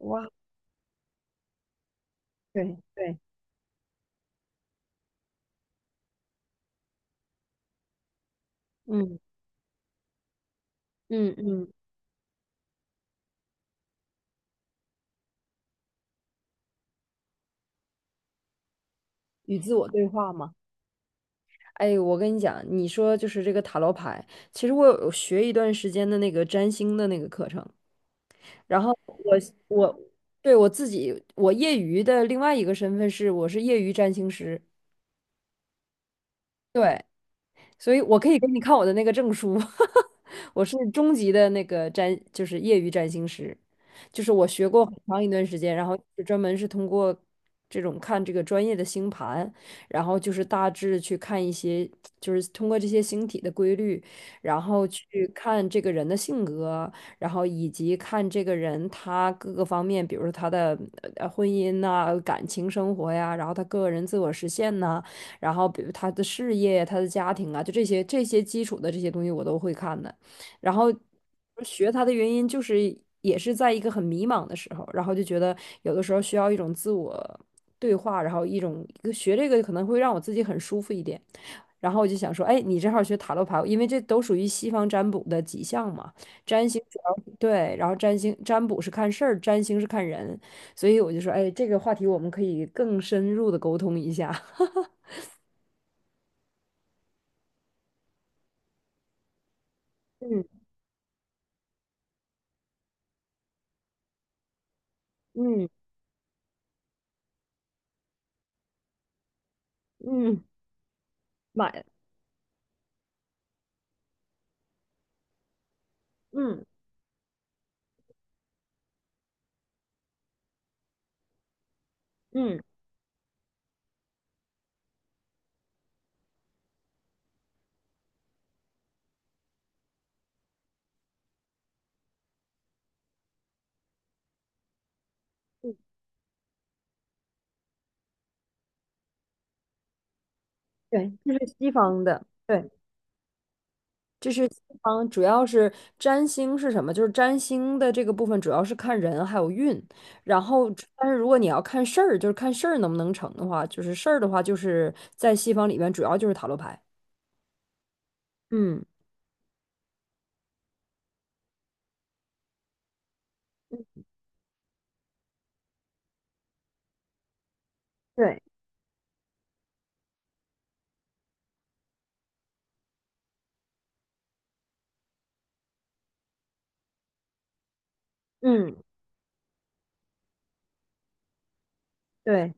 哇，对对，嗯嗯嗯，与自我对话嘛。哎，我跟你讲，你说就是这个塔罗牌，其实我有学一段时间的那个占星的那个课程，然后我对我自己，我业余的另外一个身份是我是业余占星师。对，所以我可以给你看我的那个证书，我是中级的那个占，就是业余占星师，就是我学过很长一段时间，然后是专门是通过这种看这个专业的星盘，然后就是大致去看一些，就是通过这些星体的规律，然后去看这个人的性格，然后以及看这个人他各个方面，比如说他的婚姻呐、感情生活呀，然后他个人自我实现呐、然后比如他的事业、他的家庭啊，就这些基础的这些东西我都会看的。然后学他的原因就是也是在一个很迷茫的时候，然后就觉得有的时候需要一种自我对话，然后一种一个学这个可能会让我自己很舒服一点。然后我就想说，哎，你正好学塔罗牌，因为这都属于西方占卜的几项嘛。占星主要对，然后占星占卜是看事儿，占星是看人，所以我就说，哎，这个话题我们可以更深入的沟通一下。嗯嗯嗯，买，嗯嗯嗯，对，这是西方的，对，这是西方，主要是占星是什么？就是占星的这个部分主要是看人还有运，然后但是如果你要看事儿，就是看事儿能不能成的话，就是事儿的话，就是在西方里面主要就是塔罗牌。嗯，对，嗯，对。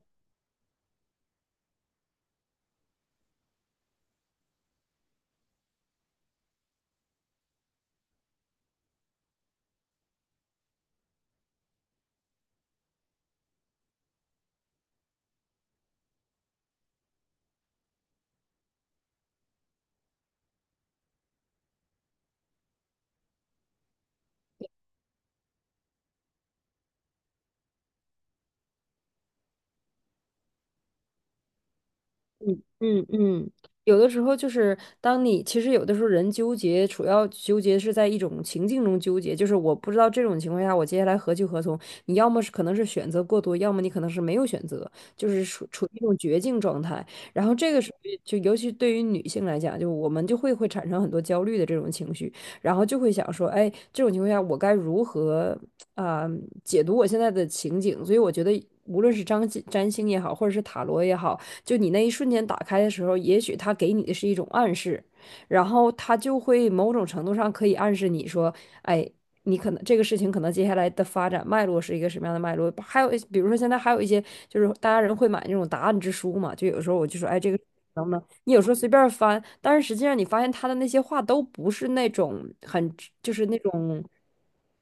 嗯嗯嗯，有的时候就是当你其实有的时候人纠结，主要纠结是在一种情境中纠结，就是我不知道这种情况下我接下来何去何从。你要么是可能是选择过多，要么你可能是没有选择，就是处于一种绝境状态。然后这个时候就尤其对于女性来讲，就我们就会产生很多焦虑的这种情绪，然后就会想说，哎，这种情况下我该如何啊、解读我现在的情景？所以我觉得无论是张占星也好，或者是塔罗也好，就你那一瞬间打开的时候，也许他给你的是一种暗示，然后他就会某种程度上可以暗示你说，哎，你可能这个事情可能接下来的发展脉络是一个什么样的脉络。还有比如说现在还有一些就是大家人会买那种答案之书嘛，就有时候我就说，哎，这个能不能？你有时候随便翻，但是实际上你发现他的那些话都不是那种很，就是那种，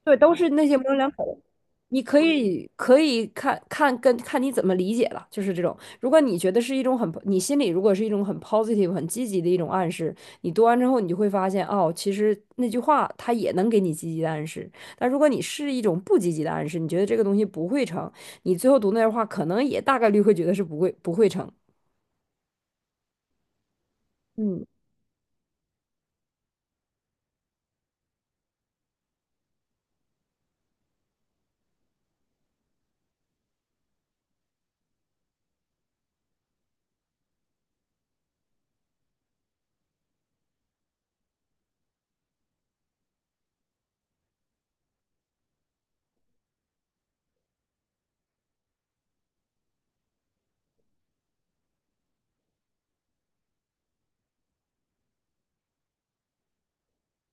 对，都是那些模棱两可的。你可以看看跟看你怎么理解了，就是这种。如果你觉得是一种很，你心里如果是一种很 positive、很积极的一种暗示，你读完之后，你就会发现，哦，其实那句话它也能给你积极的暗示。但如果你是一种不积极的暗示，你觉得这个东西不会成，你最后读那句话，可能也大概率会觉得是不会成。嗯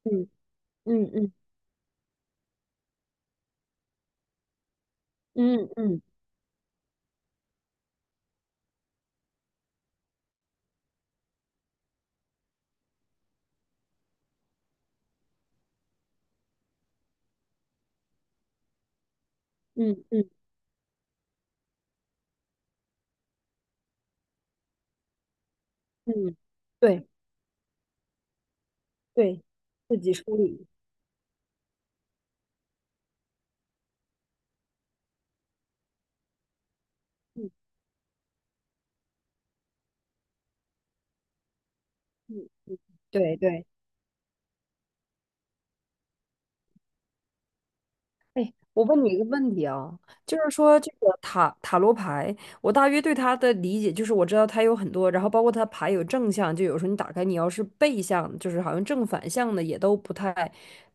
嗯嗯嗯嗯嗯嗯嗯嗯，对对，自己梳理，嗯嗯嗯，对对。我问你一个问题啊，就是说这个塔罗牌，我大约对它的理解就是，我知道它有很多，然后包括它牌有正向，就有时候你打开，你要是背向，就是好像正反向的也都不太，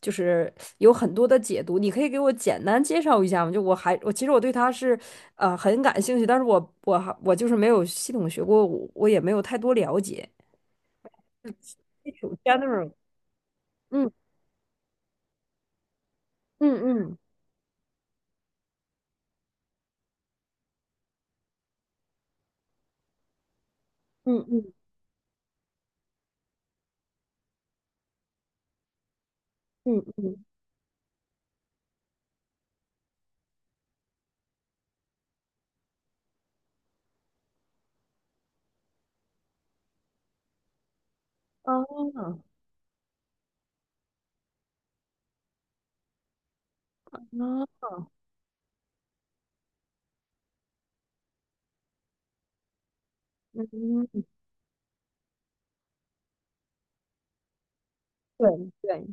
就是有很多的解读。你可以给我简单介绍一下吗？就我还我其实我对它是很感兴趣，但是我就是没有系统学过，我也没有太多了解。基础 general，嗯嗯嗯嗯嗯嗯嗯，啊啊。嗯对对，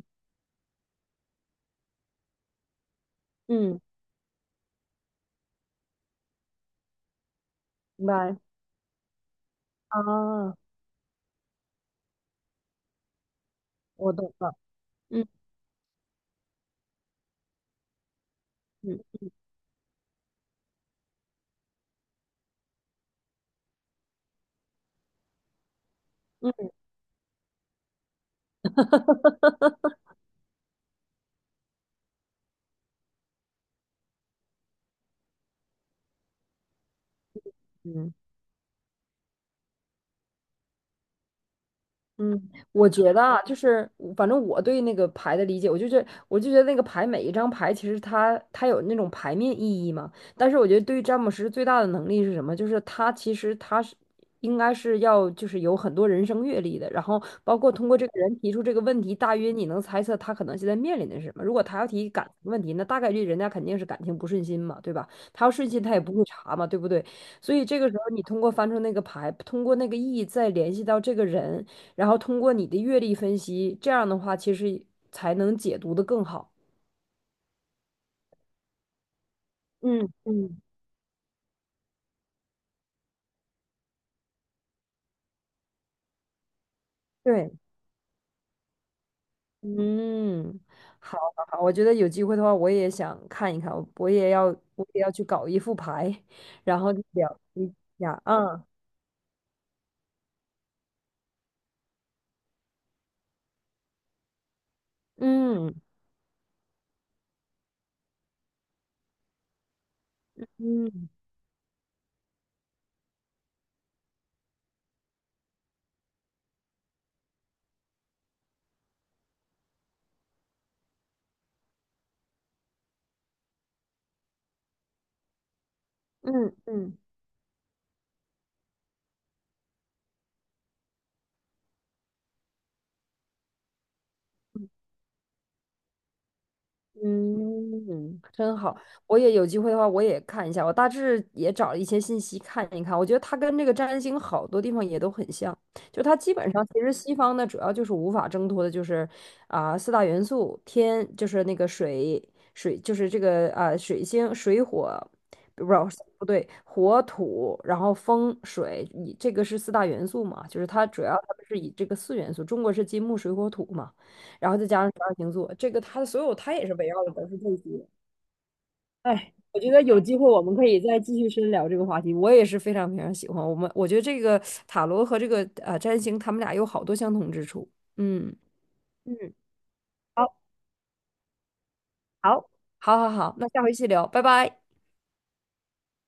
嗯，明白啊，我懂了，嗯嗯嗯。嗯嗯，我觉得啊，就是反正我对那个牌的理解，我就觉得那个牌每一张牌其实它有那种牌面意义嘛。但是我觉得对于詹姆斯最大的能力是什么？就是他其实他是应该是要就是有很多人生阅历的，然后包括通过这个人提出这个问题，大约你能猜测他可能现在面临的是什么。如果他要提感情问题，那大概率人家肯定是感情不顺心嘛，对吧？他要顺心，他也不会查嘛，对不对？所以这个时候你通过翻出那个牌，通过那个意义再联系到这个人。然后通过你的阅历分析，这样的话其实才能解读的更好。嗯嗯，对，嗯，好，好，好，我觉得有机会的话，我也想看一看，我也要，我也要去搞一副牌，然后就了解一下啊，嗯嗯嗯嗯嗯。嗯，真好，我也有机会的话，我也看一下。我大致也找了一些信息看一看。我觉得它跟这个占星好多地方也都很像，就它基本上其实西方呢，主要就是无法挣脱的，就是四大元素，天就是那个水，水就是这个水星、水火，不不对，火土，然后风水，以这个是四大元素嘛，就是它主要他们是以这个四元素，中国是金木水火土嘛。然后再加上十二星座，这个它的所有它也是围绕的都是这些。哎，我觉得有机会我们可以再继续深聊这个话题。我也是非常非常喜欢我们，我觉得这个塔罗和这个占星，他们俩有好多相同之处。嗯，嗯，好，好，好好好，那下回细聊，拜拜。